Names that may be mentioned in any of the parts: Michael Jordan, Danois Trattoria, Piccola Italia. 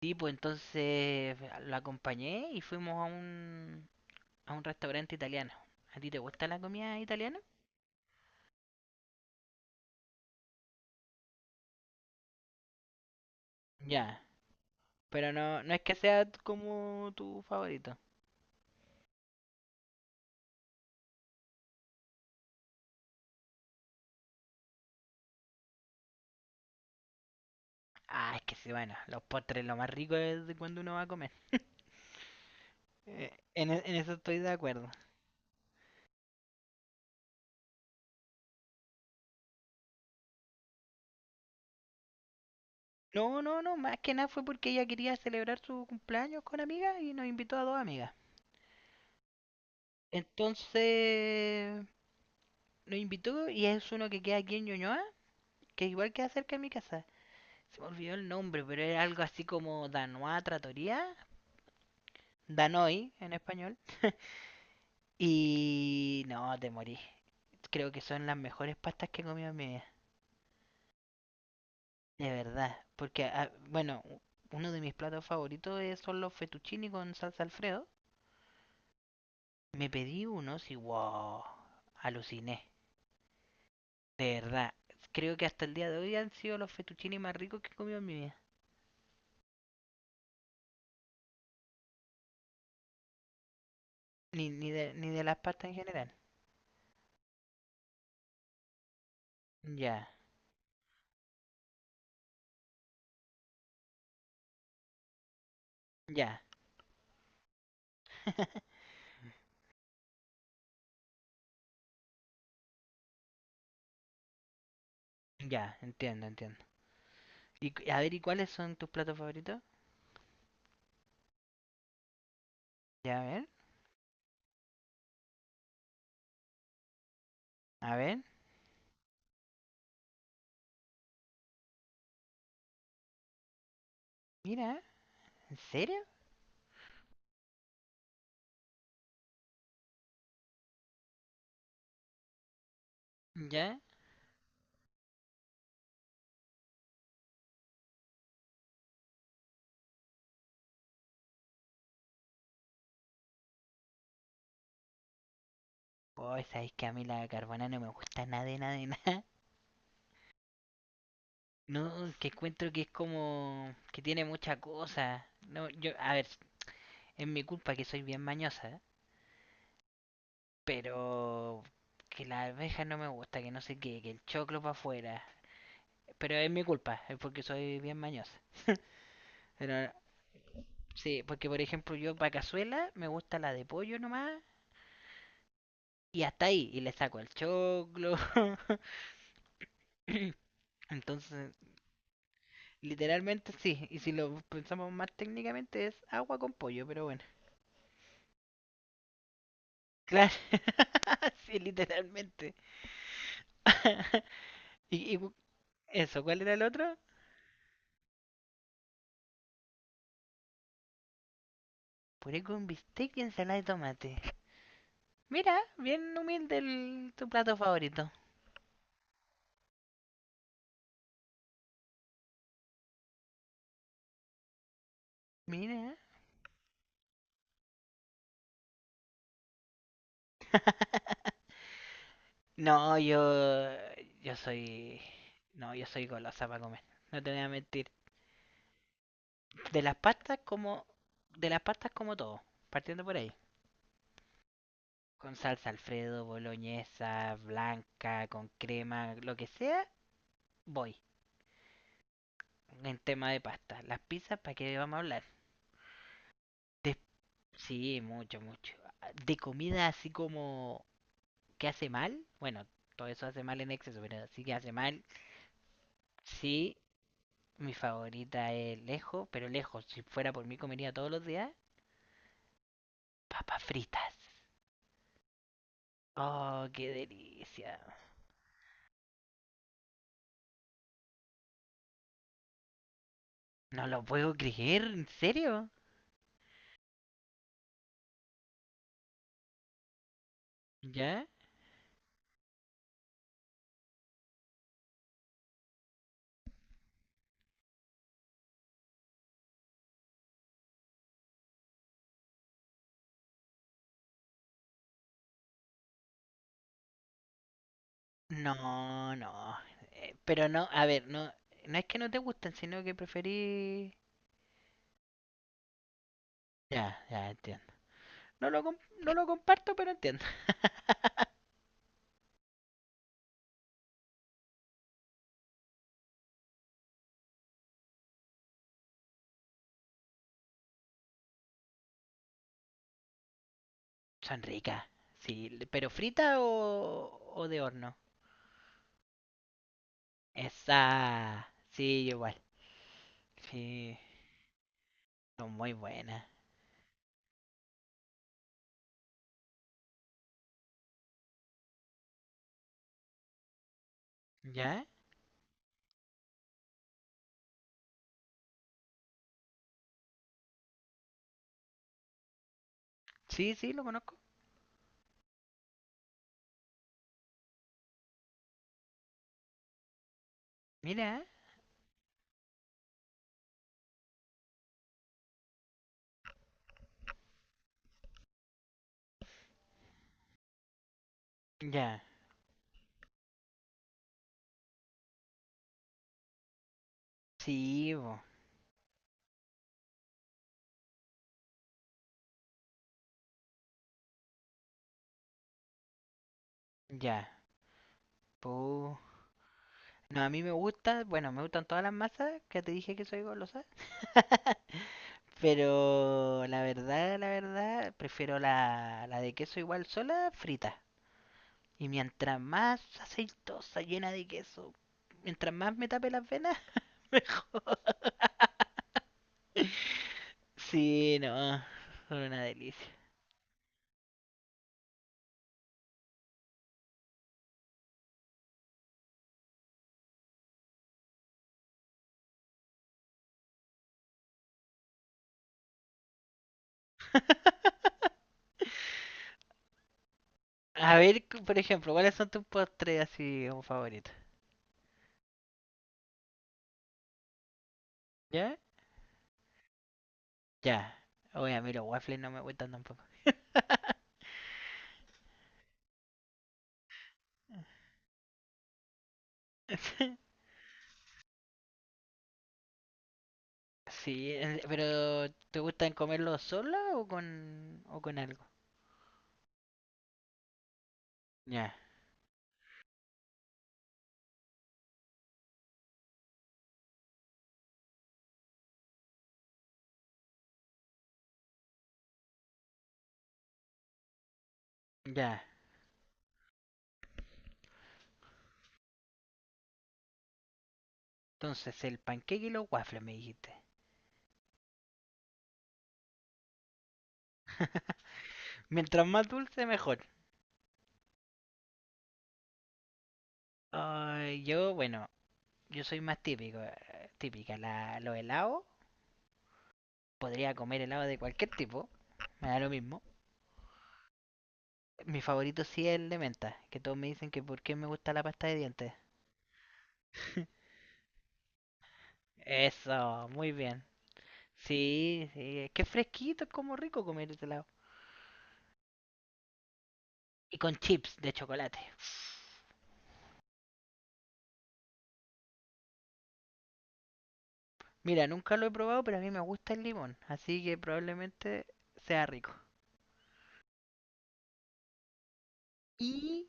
Sí, pues entonces lo acompañé y fuimos a un restaurante italiano. ¿A ti te gusta la comida italiana? Ya, pero no, no es que sea como tu favorito. Ah, es que sí, bueno, los postres lo más rico es de cuando uno va a comer. En eso estoy de acuerdo. No, no, no, más que nada fue porque ella quería celebrar su cumpleaños con amigas y nos invitó a dos amigas. Entonces nos invitó y es uno que queda aquí en Ñuñoa, que igual queda cerca de mi casa. Se me olvidó el nombre, pero era algo así como Danois Trattoria, Danoi en español. Y no, te morí. Creo que son las mejores pastas que he comido en mi vida, de verdad. Porque, bueno, uno de mis platos favoritos son los fettuccini con salsa Alfredo. Me pedí unos y wow, aluciné. De verdad, creo que hasta el día de hoy han sido los fettuccini más ricos que he comido en mi vida. Ni de las pastas en general. Ya, ya, ya, entiendo, entiendo. Y a ver, ¿y cuáles son tus platos favoritos? Ya, a ver, a ver. Mira, ¿en serio? Ya. Oh, sabéis que a mí la carbonara no me gusta nada de nada de nada. No, que encuentro que es como que tiene mucha cosa. No, yo, a ver, es mi culpa que soy bien mañosa, ¿eh? Pero que la arveja no me gusta, que no sé qué, que el choclo para afuera. Pero es mi culpa, es porque soy bien mañosa. Pero sí, porque por ejemplo yo para cazuela me gusta la de pollo nomás. Y hasta ahí, y le saco el choclo. Entonces, literalmente sí. Y si lo pensamos más técnicamente, es agua con pollo, pero bueno. Claro, sí, literalmente. y, y eso, ¿cuál era el otro? Puré con bistec y ensalada de tomate. Mira, bien humilde tu plato favorito. Mira. No, yo. Yo soy. No, yo soy golosa para comer. No te voy a mentir. De las pastas como de las pastas como todo, partiendo por ahí. Con salsa Alfredo, boloñesa, blanca, con crema, lo que sea, voy. En tema de pasta. Las pizzas, ¿para qué vamos a hablar? De- sí, mucho, mucho. De comida así como qué hace mal. Bueno, todo eso hace mal en exceso, pero sí que hace mal. Sí, mi favorita es lejos, pero lejos. Si fuera por mí comería todos los días. Papas fritas. Oh, qué delicia. No lo puedo creer, ¿en serio? ¿Ya? No, no. Eh, pero no, a ver, no, no es que no te gusten, sino que preferí... Ya, ya entiendo. No lo comparto, pero entiendo. Son ricas, sí. ¿Pero frita o de horno? Esa, sí, yo igual. Sí, son muy buenas. ¿Ya? Sí, sí, lo conozco. Mira, ya. Sí, bo, ya. Pu, no, a mí me gusta, bueno, me gustan todas las masas, que te dije que soy golosa. Pero la verdad, prefiero la de queso igual sola, frita. Y mientras más aceitosa, llena de queso, mientras más me tape las venas, mejor. Sí, no, son una delicia. A ver, por ejemplo, ¿cuáles son tus postres así como favoritos? ¿Ya? Ya. Oye, a mí los waffles no me gustan tampoco. Sí, pero ¿te gustan comerlo sola o con algo? Ya, ya. Entonces, el panqueque y los waffles me dijiste. Mientras más dulce, mejor. Ay, yo, bueno, yo soy más típico, típica. La, los helados, podría comer helado de cualquier tipo, me da lo mismo. Mi favorito sí es el de menta, que todos me dicen que por qué me gusta la pasta de dientes. Eso, muy bien. Sí, sí, es que es fresquito, es como rico comer helado. Y con chips de chocolate. Mira, nunca lo he probado, pero a mí me gusta el limón, así que probablemente sea rico. Y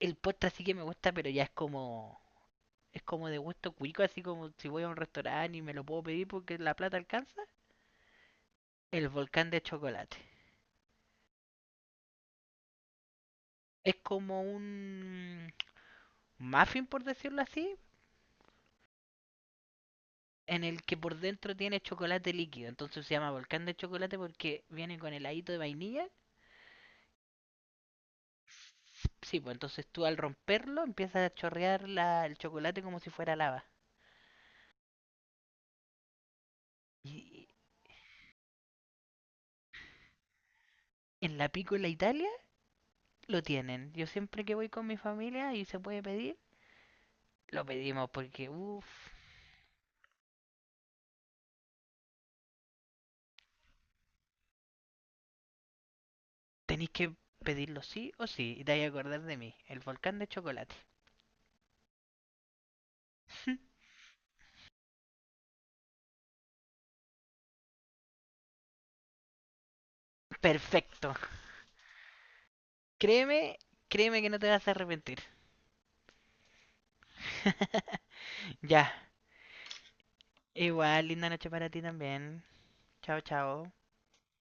el postre sí que me gusta, pero es como de gusto cuico, así como si voy a un restaurante y me lo puedo pedir porque la plata alcanza. El volcán de chocolate. Es como un muffin, por decirlo así, en el que por dentro tiene chocolate líquido. Entonces se llama volcán de chocolate porque viene con heladito de vainilla. Sí, pues entonces tú al romperlo empiezas a chorrear el chocolate como si fuera lava. Y en la Piccola Italia lo tienen. Yo siempre que voy con mi familia y se puede pedir, lo pedimos porque, uff, tenéis que pedirlo sí o sí. Y te vais a acordar de mí, el volcán de chocolate. Perfecto. Créeme, créeme que no te vas a arrepentir. Ya. Igual, linda noche para ti también. Chao, chao.